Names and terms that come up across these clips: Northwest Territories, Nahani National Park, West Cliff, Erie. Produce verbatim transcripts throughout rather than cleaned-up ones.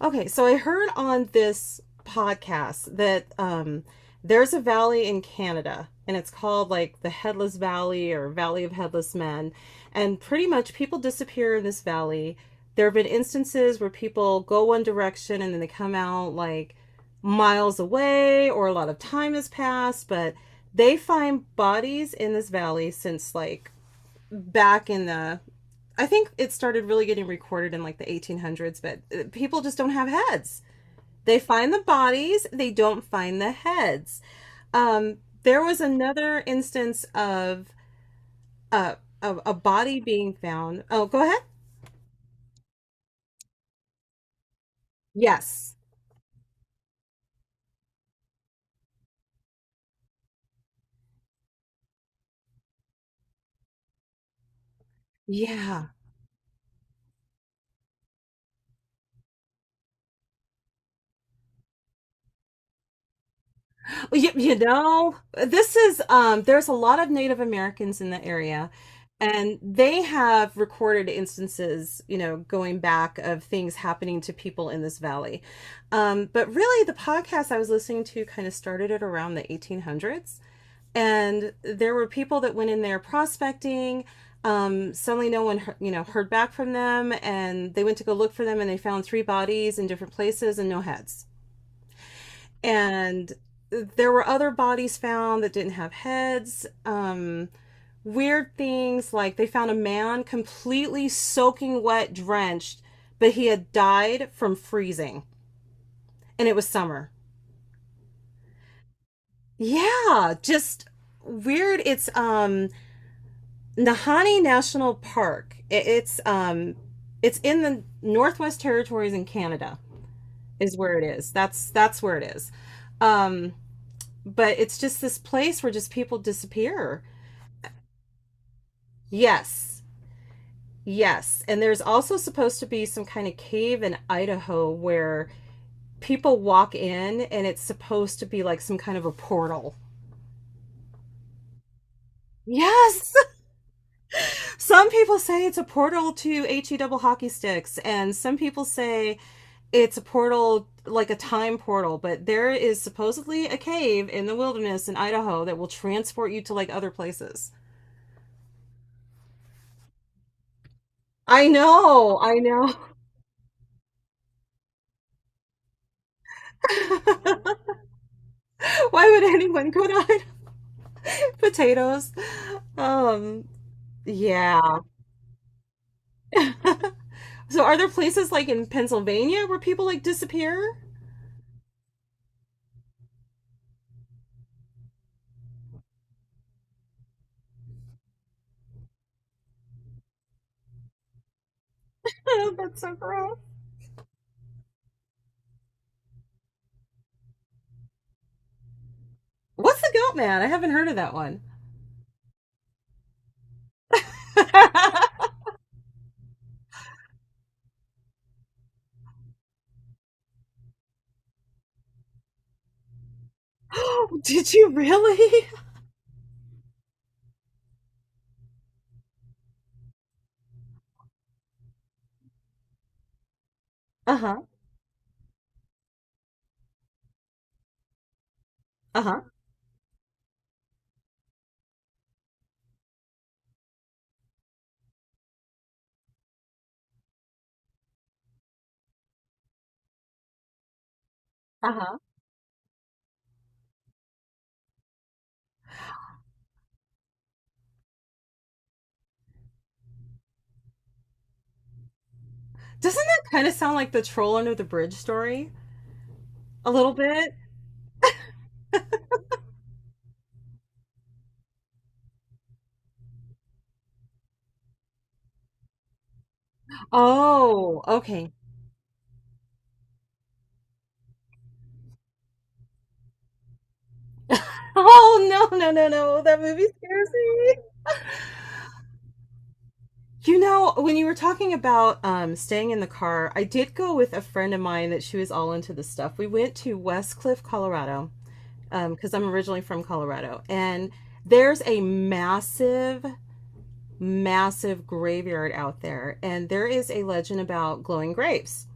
Okay, so I heard on this podcast that um, there's a valley in Canada, and it's called like the Headless Valley or Valley of Headless Men. And pretty much people disappear in this valley. There have been instances where people go one direction and then they come out like miles away, or a lot of time has passed, but they find bodies in this valley since like back in the I think it started really getting recorded in like the eighteen hundreds, but uh, people just don't have heads. They find the bodies, they don't find the heads. Um, there was another instance of, uh, of a body being found. Oh, go ahead. Yes. Yeah. You, you know, this is um there's a lot of Native Americans in the area, and they have recorded instances, you know, going back of things happening to people in this valley. Um, but really the podcast I was listening to kind of started at around the eighteen hundreds, and there were people that went in there prospecting um, suddenly no one you know heard back from them, and they went to go look for them, and they found three bodies in different places and no heads, and there were other bodies found that didn't have heads. Um, weird things, like they found a man completely soaking wet, drenched, but he had died from freezing, and it was summer. Yeah, just weird. It's um, Nahani National Park. It- it's um, it's in the Northwest Territories in Canada. Is where it is. That's that's where it is. Um, but it's just this place where just people disappear. Yes. Yes. And there's also supposed to be some kind of cave in Idaho where people walk in, and it's supposed to be like some kind of a portal. Yes. Some people say it's a portal to H E double hockey sticks, and some people say it's a portal, like a time portal. But there is supposedly a cave in the wilderness in Idaho that will transport you to like other places. I know, I know. Why would anyone go to Idaho? Potatoes? Um, Yeah. So are there places like in Pennsylvania where people like disappear? That's so gross. What's the goat man? I haven't heard of that one. Did you really? Uh huh. Uh huh. Uh huh. Doesn't that kind of sound like the troll under the bridge story? A little bit? Oh, okay. Oh, no, no, no, no. That movie scares me. You know, when you were talking about um, staying in the car, I did go with a friend of mine that she was all into this stuff. We went to West Cliff, Colorado, because um, I'm originally from Colorado, and there's a massive, massive graveyard out there, and there is a legend about glowing grapes.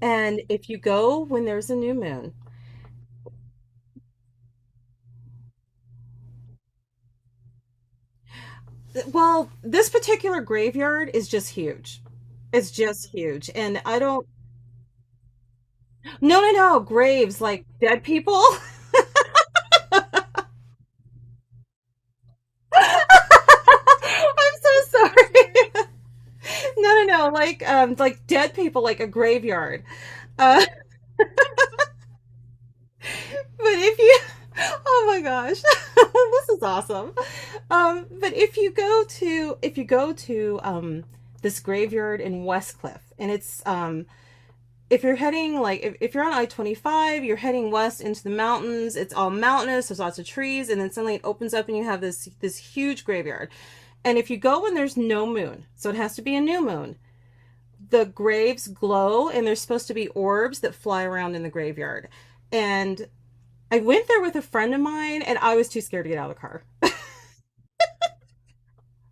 And if you go when there's a new moon, well, this particular graveyard is just huge. It's just huge. And I don't, no, no, no, graves like dead people. I'm so sorry. No, no, no, like um like dead people, like a graveyard. Uh, but if you, oh my gosh, this is awesome. Um, but if you go to if, you go to um, this graveyard in Westcliff, and it's um, if you're heading like if, if you're on I twenty five, you're heading west into the mountains. It's all mountainous. There's lots of trees, and then suddenly it opens up, and you have this this huge graveyard. And if you go when there's no moon, so it has to be a new moon. The graves glow, and there's supposed to be orbs that fly around in the graveyard. And I went there with a friend of mine, and I was too scared to get out of the car.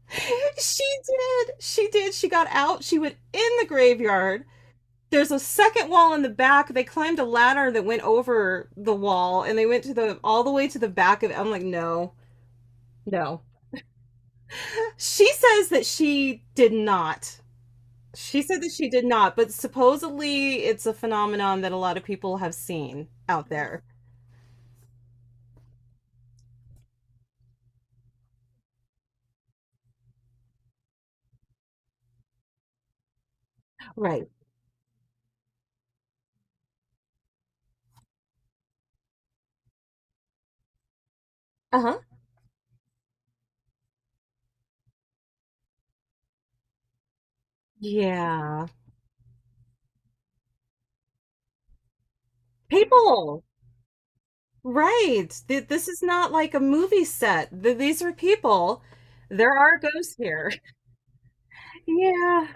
She did. She did. She got out. She went in the graveyard. There's a second wall in the back. They climbed a ladder that went over the wall, and they went to the all the way to the back of it. I'm like, no, no. She says that she did not. She said that she did not, but supposedly it's a phenomenon that a lot of people have seen out there. Right. Uh-huh. Yeah. People. Right. Th- This is not like a movie set. Th- These are people. There are ghosts here. Yeah.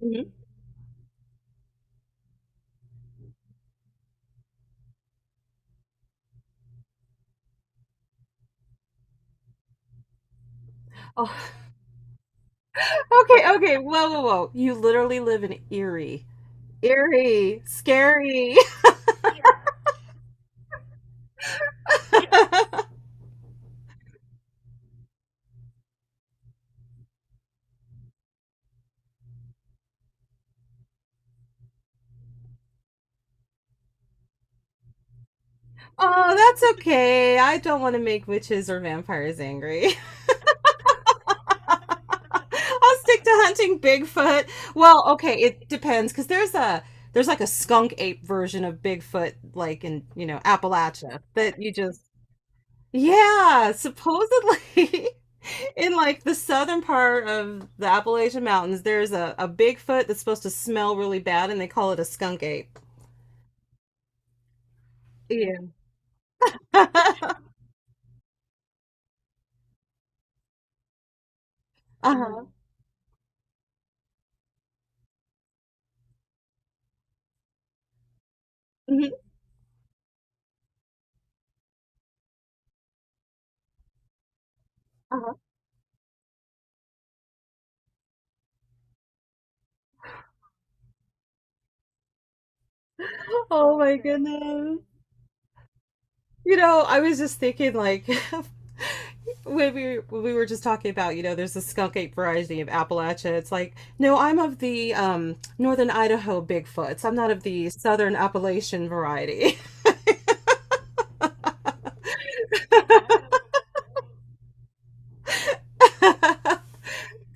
Mhm. Oh, okay, okay. Whoa, whoa, whoa. You literally live in Erie. Eerie, scary. Oh, that's okay. I don't want to make witches or vampires angry. I'll stick to hunting Bigfoot. Well, okay, it depends because there's a there's like a skunk ape version of Bigfoot, like in, you know, Appalachia that you just Yeah, supposedly in like the southern part of the Appalachian Mountains, there's a, a Bigfoot that's supposed to smell really bad, and they call it a skunk ape. Yeah. Uh-huh. Mhm. Oh my goodness. You know, I was just thinking like when we when we were just talking about, you know, there's a skunk ape variety of Appalachia. It's like, no, I'm of the um northern Idaho Bigfoots. I'm not of the southern Appalachian variety.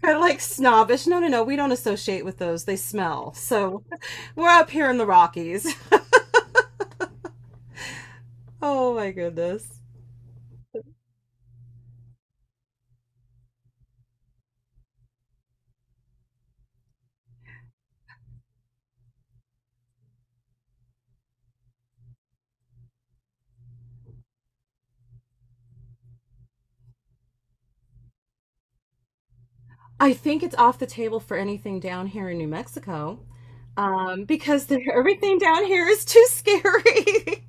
Kind of like snobbish. No, no, no. We don't associate with those. They smell. So we're up here in the Rockies. Oh my goodness. I think it's off the table for anything down here in New Mexico um, because there, everything down here is too scary.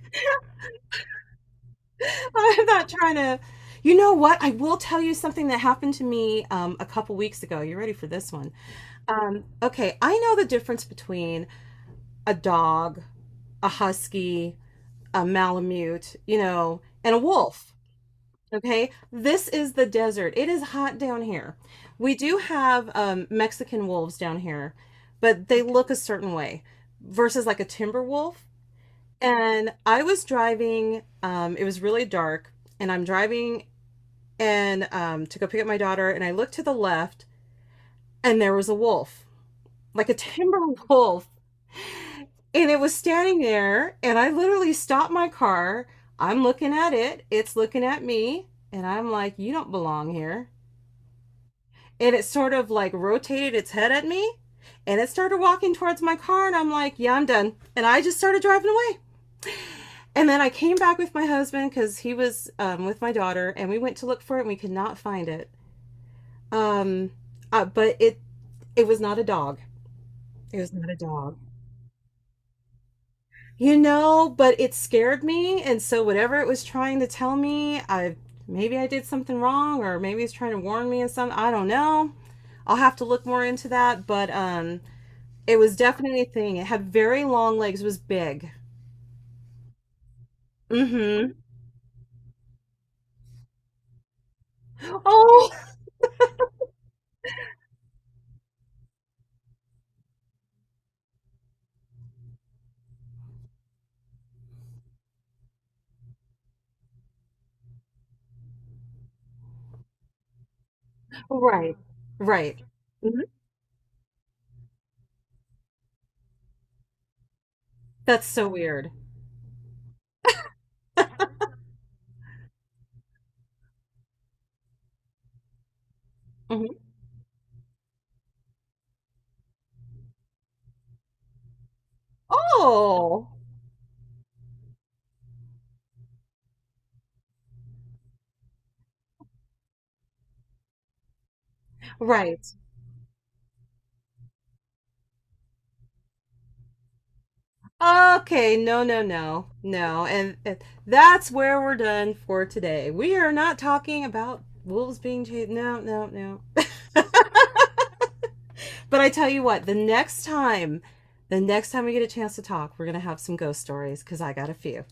I'm not trying to. You know what? I will tell you something that happened to me um, a couple weeks ago. You ready for this one? Um, okay, I know the difference between a dog, a husky, a malamute, you know, and a wolf. Okay, this is the desert. It is hot down here. We do have um, Mexican wolves down here, but they look a certain way versus like a timber wolf. And I was driving, um, it was really dark, and I'm driving and um, to go pick up my daughter, and I looked to the left, and there was a wolf, like a timber wolf. And it was standing there, and I literally stopped my car. I'm looking at it, it's looking at me, and I'm like, you don't belong here. And it sort of like rotated its head at me, and it started walking towards my car, and I'm like, yeah, I'm done, and I just started driving away. And then I came back with my husband because he was um, with my daughter, and we went to look for it, and we could not find it. um, uh, but it it was not a dog. It was not a dog, you know, but it scared me. And so whatever it was trying to tell me, I maybe I did something wrong, or maybe it's trying to warn me of something, I don't know. I'll have to look more into that, but um it was definitely a thing. It had very long legs. It was big. Mm-hmm. Oh, right. Right. Mhm. That's so weird. Mhm. Oh, right. Okay, no, no, no. No. And, and that's where we're done for today. We are not talking about wolves being chased. No, no, no. But I tell you what, the next time, the next time we get a chance to talk, we're going to have some ghost stories because I got a few.